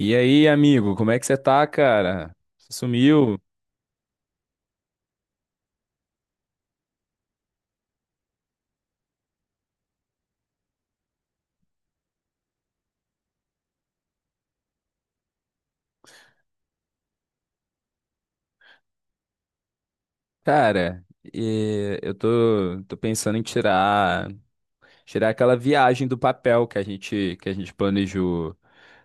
E aí, amigo, como é que você tá, cara? Você sumiu? Cara, e eu tô pensando em tirar aquela viagem do papel que a gente planejou,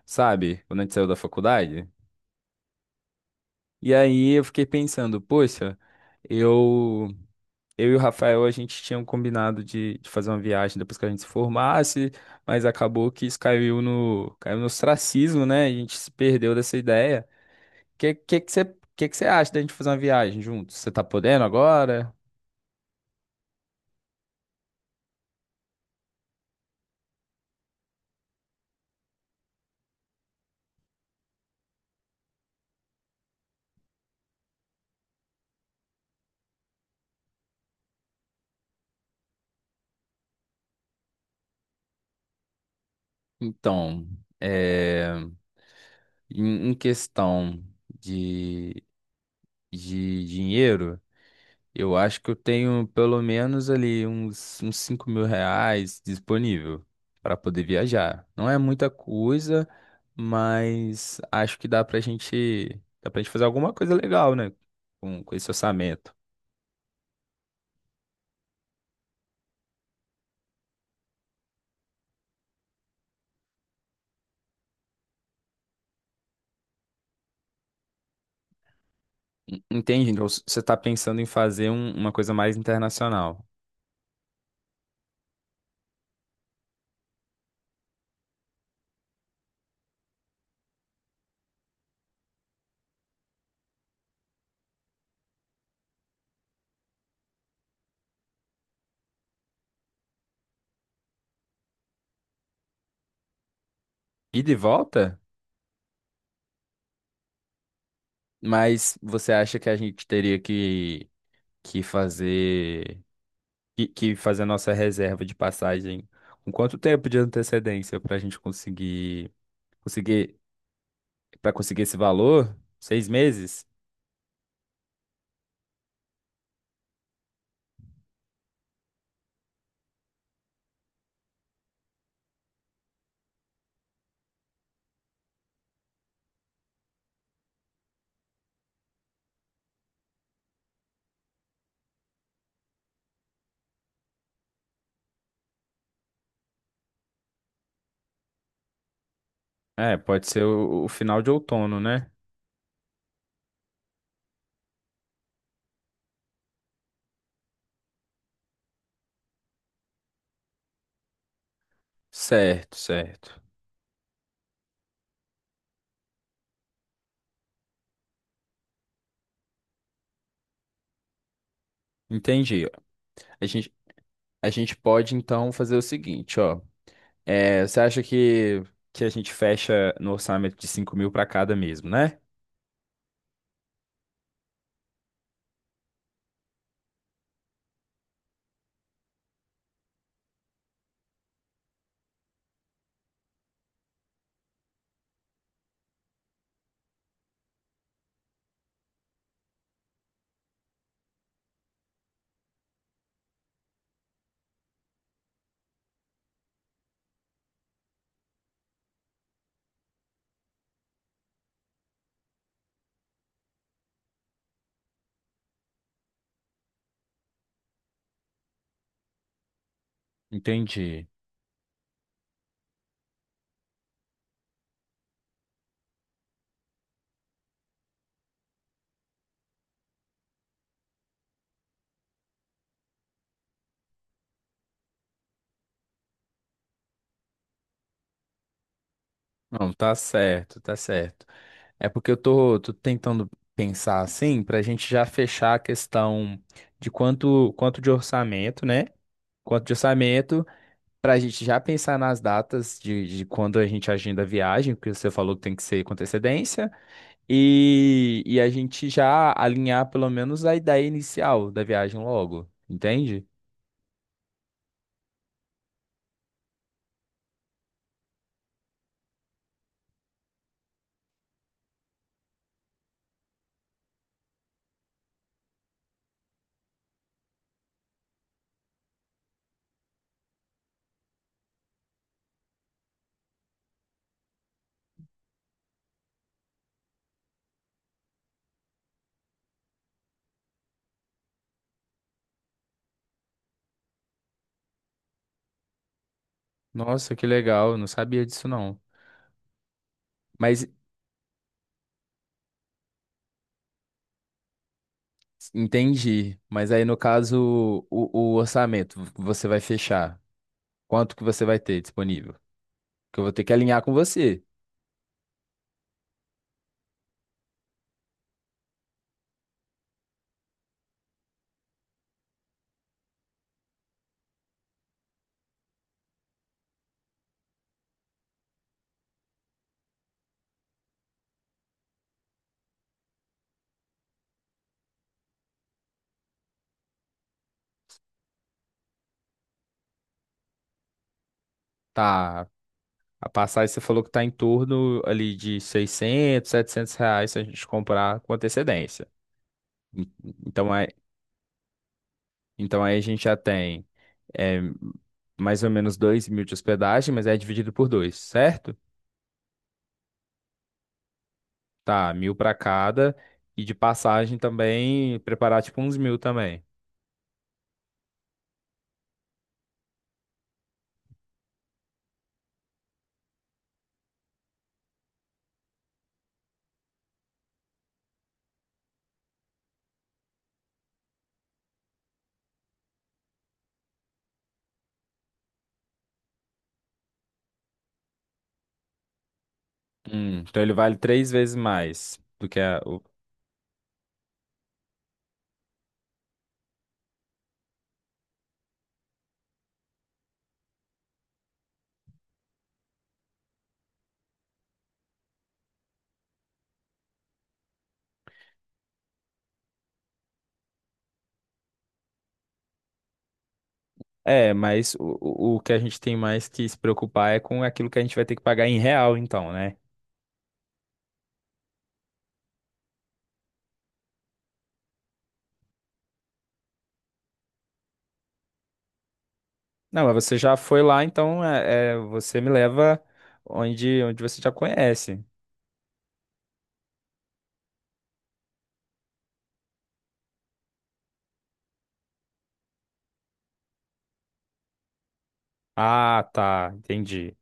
sabe? Quando a gente saiu da faculdade. E aí eu fiquei pensando, poxa, eu, eu e o Rafael, a gente tinha um combinado de fazer uma viagem depois que a gente se formasse, mas acabou que isso caiu no ostracismo, né? A gente se perdeu dessa ideia. Que que que você que que você acha da gente fazer uma viagem juntos? Você tá podendo agora? Então, é, em questão de, de dinheiro, eu acho que eu tenho pelo menos ali uns R$ 5.000 disponível para poder viajar. Não é muita coisa, mas acho que dá pra gente fazer alguma coisa legal, né? Com esse orçamento. Entende? Então, você tá pensando em fazer uma coisa mais internacional. E de volta? Mas você acha que a gente teria que fazer que fazer a nossa reserva de passagem com quanto tempo de antecedência para a gente conseguir conseguir para conseguir esse valor? 6 meses? É, pode ser o final de outono, né? Certo, certo. Entendi. A gente, a gente pode então fazer o seguinte, ó. É, você acha que a gente fecha no orçamento de 5.000 para cada mesmo, né? Entendi. Não, tá certo, tá certo. É porque eu tô tentando pensar assim, pra gente já fechar a questão de quanto de orçamento, né? Quanto de orçamento, pra gente já pensar nas datas de quando a gente agenda a viagem, porque você falou que tem que ser com antecedência, e a gente já alinhar pelo menos a ideia inicial da viagem logo, entende? Nossa, que legal, eu não sabia disso não. Mas Entendi. Mas aí, no caso, o orçamento que você vai fechar. Quanto que você vai ter disponível? Que eu vou ter que alinhar com você. Tá. A passagem você falou que tá em torno ali de 600, 700 reais se a gente comprar com antecedência. En- Então, aí, então aí a gente já tem é, mais ou menos 2.000 de hospedagem, mas é dividido por dois, certo? Tá, 1.000 para cada. E de passagem também, preparar tipo uns 1.000 também. Então ele vale três vezes mais do que a. O... É, mas o que a gente tem mais que se preocupar é com aquilo que a gente vai ter que pagar em real, então, né? Não, mas você já foi lá, então você me leva onde você já conhece. Ah, tá, entendi.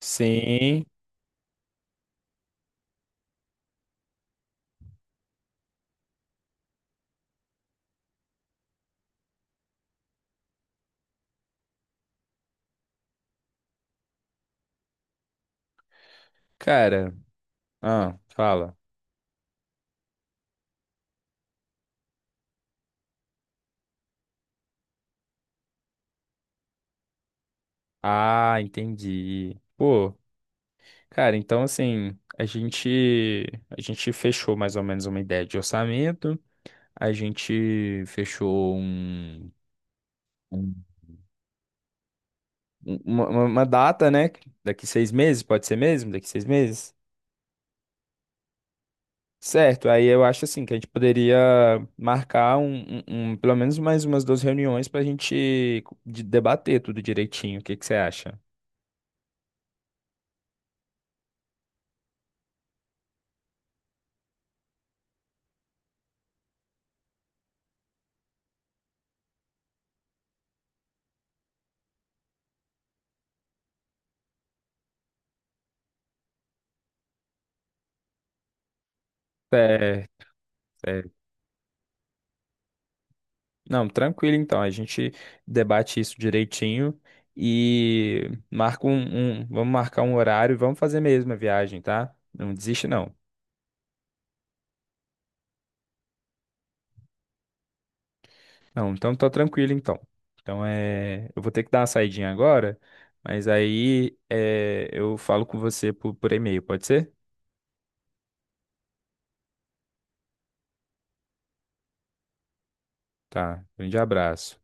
Sim, cara. Ah, fala. Ah, entendi. Pô, cara, então assim, a gente fechou mais ou menos uma ideia de orçamento. A gente fechou um- uma data, né? Daqui 6 meses, pode ser mesmo? Daqui 6 meses? Certo, aí eu acho assim que a gente poderia marcar pelo menos mais umas duas reuniões para a gente debater tudo direitinho. O que que você acha? Certo, certo. Não, tranquilo então. A gente debate isso direitinho e marca vamos marcar um horário e vamos fazer mesmo a viagem, tá? Não desiste, não. Não, então tá tranquilo então. Então eu vou ter que dar uma saidinha agora, mas aí eu falo com você por e-mail, pode ser? Tá, grande abraço.